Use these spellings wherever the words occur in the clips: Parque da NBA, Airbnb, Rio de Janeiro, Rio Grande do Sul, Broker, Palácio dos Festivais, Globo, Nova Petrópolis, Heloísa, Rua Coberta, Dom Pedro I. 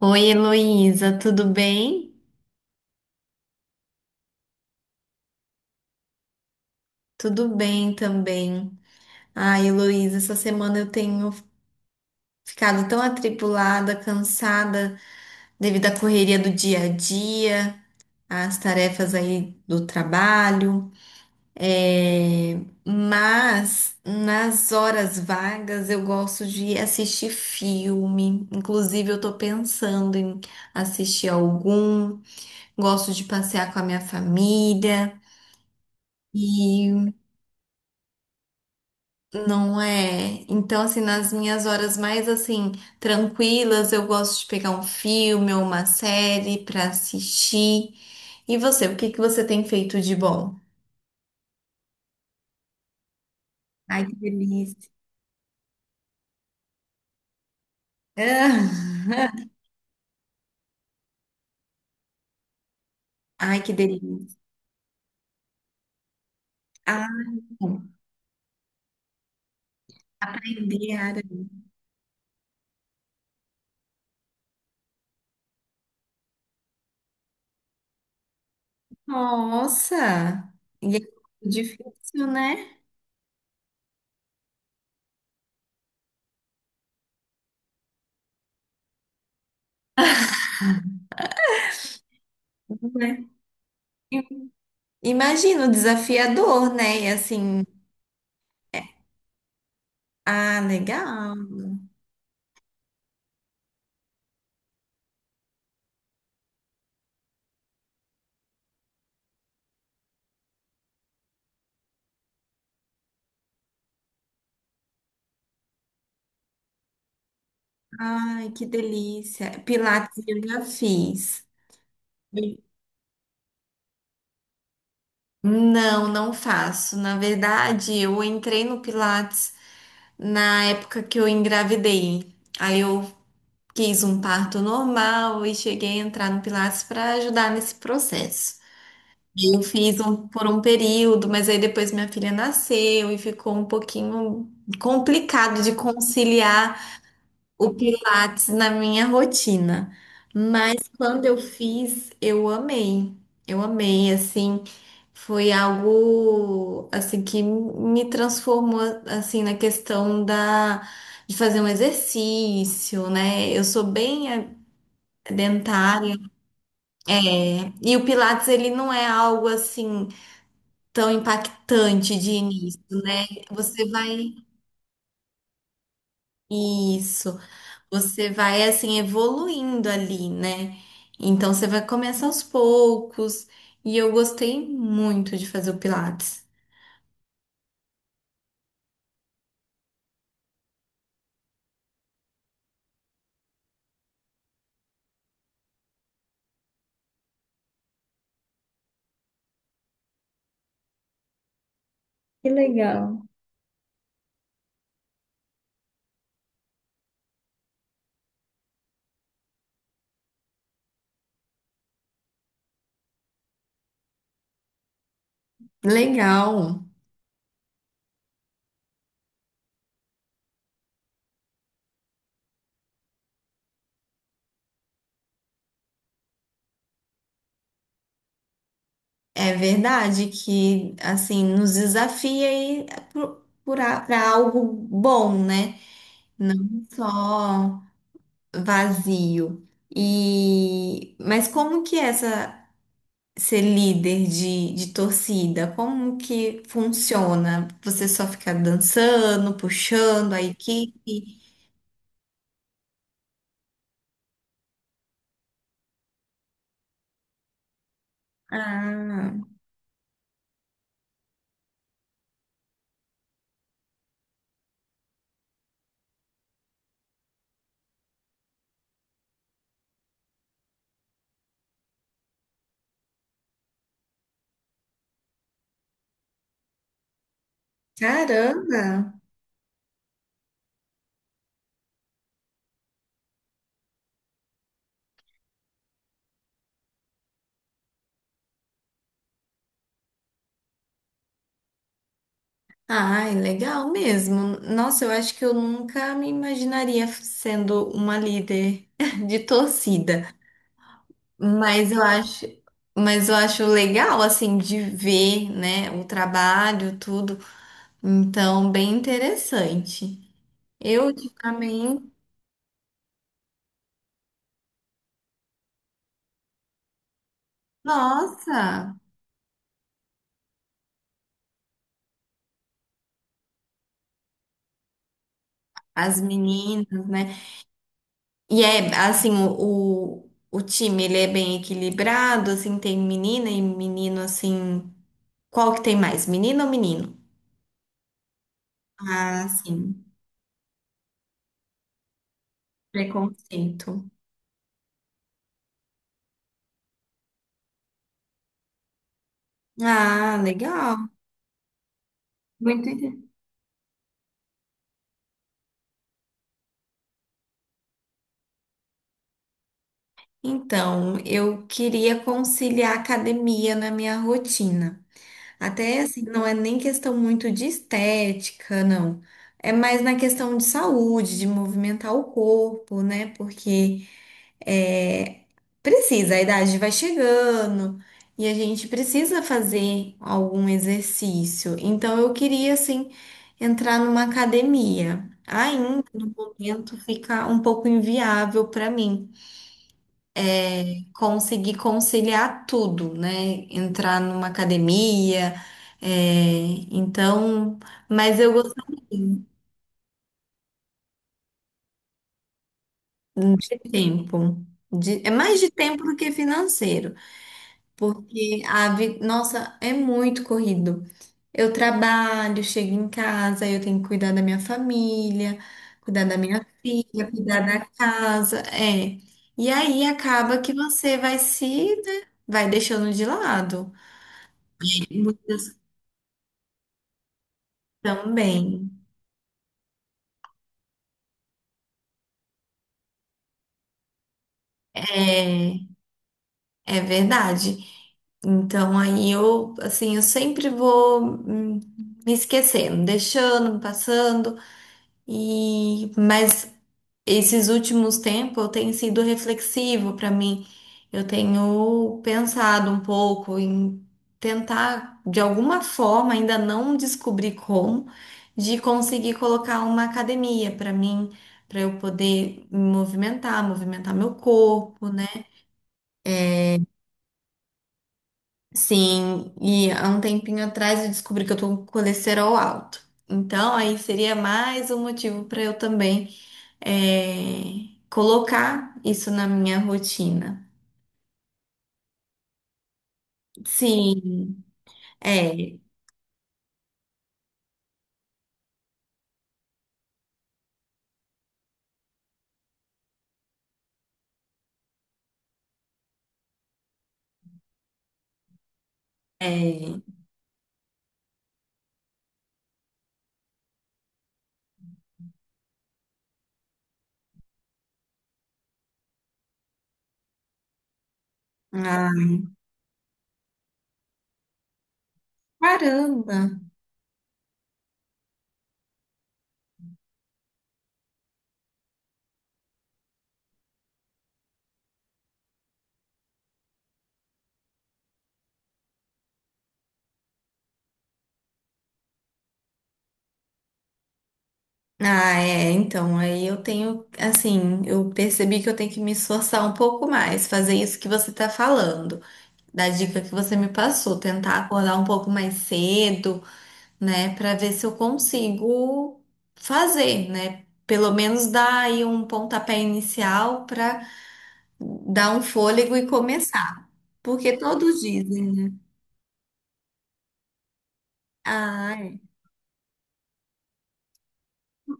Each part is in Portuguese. Oi, Heloísa, tudo bem? Tudo bem também. Ai, Heloísa, essa semana eu tenho ficado tão atribulada, cansada devido à correria do dia a dia, às tarefas aí do trabalho. É, mas nas horas vagas eu gosto de assistir filme. Inclusive, eu tô pensando em assistir algum. Gosto de passear com a minha família. E não é? Então, assim, nas minhas horas mais, assim, tranquilas, eu gosto de pegar um filme ou uma série pra assistir. E você, o que que você tem feito de bom? Ai, que delícia. Ah, ai, que delícia. Ah, aprender árabe. Nossa! E é difícil, né? Tudo, né? Imagino, desafiador, né? E assim, ah, legal. Ai, que delícia. Pilates eu já fiz. Não, não faço. Na verdade, eu entrei no Pilates na época que eu engravidei. Aí eu quis um parto normal e cheguei a entrar no Pilates para ajudar nesse processo. Aí eu fiz por um período, mas aí depois minha filha nasceu e ficou um pouquinho complicado de conciliar o Pilates na minha rotina. Mas quando eu fiz, eu amei. Eu amei, assim, foi algo assim que me transformou assim na questão da de fazer um exercício, né? Eu sou bem dentária. É, e o Pilates ele não é algo assim tão impactante de início, né? Você vai isso. Você vai assim evoluindo ali, né? Então você vai começar aos poucos. E eu gostei muito de fazer o Pilates. Que legal. Legal. É verdade que assim nos desafia aí para algo bom, né? Não só vazio. E mas como que é essa ser líder de torcida? Como que funciona? Você só fica dançando, puxando a equipe? Ah, caramba! Ai, legal mesmo. Nossa, eu acho que eu nunca me imaginaria sendo uma líder de torcida, mas eu acho, mas eu acho legal assim de ver, né, o trabalho, tudo. Então, bem interessante. Eu ultimamente, nossa, as meninas, né? E é assim, o time ele é bem equilibrado, assim, tem menina e menino assim. Qual que tem mais? Menino ou menino? Ah, sim. Preconceito. Ah, legal. Muito inte- Então, eu queria conciliar a academia na minha rotina. Até assim, não é nem questão muito de estética, não. É mais na questão de saúde, de movimentar o corpo, né? Porque é, precisa, a idade vai chegando e a gente precisa fazer algum exercício. Então eu queria assim entrar numa academia. Ainda no momento fica um pouco inviável para mim conseguir conciliar tudo, né? Entrar numa academia, é, então, mas eu gostaria de tempo. De- é mais de tempo do que financeiro. Porque a vi... nossa, é muito corrido. Eu trabalho, chego em casa, eu tenho que cuidar da minha família, cuidar da minha filha, cuidar da casa, é. E aí acaba que você vai se, né, vai deixando de lado. Muitas também. É, é verdade. Então aí eu, assim, eu sempre vou me esquecendo, deixando, passando e mas esses últimos tempos tem sido reflexivo para mim. Eu tenho pensado um pouco em tentar, de alguma forma, ainda não descobri como, de conseguir colocar uma academia para mim, para eu poder me movimentar, movimentar meu corpo, né? Sim, e há um tempinho atrás eu descobri que eu tô com colesterol alto. Então, aí seria mais um motivo para eu também colocar isso na minha rotina. Sim, é, é. Ah, caramba! Ah, é, então, aí eu tenho, assim, eu percebi que eu tenho que me esforçar um pouco mais, fazer isso que você tá falando, da dica que você me passou, tentar acordar um pouco mais cedo, né, pra ver se eu consigo fazer, né? Pelo menos dar aí um pontapé inicial pra dar um fôlego e começar. Porque todos dizem, ah, é,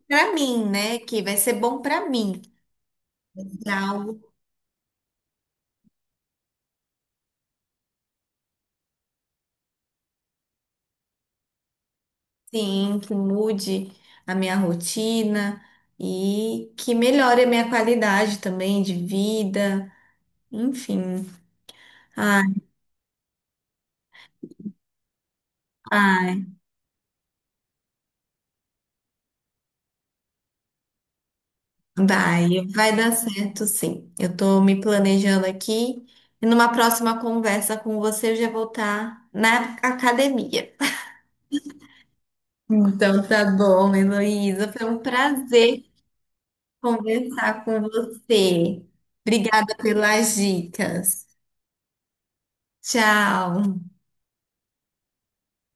para mim, né? Que vai ser bom para mim. É algo sim, que mude a minha rotina e que melhore a minha qualidade também de vida. Enfim. Ai, ai, vai, vai dar certo sim. Eu tô me planejando aqui e numa próxima conversa com você eu já vou estar na academia. Então tá bom, Heloísa. Foi um prazer conversar com você. Obrigada pelas dicas. Tchau.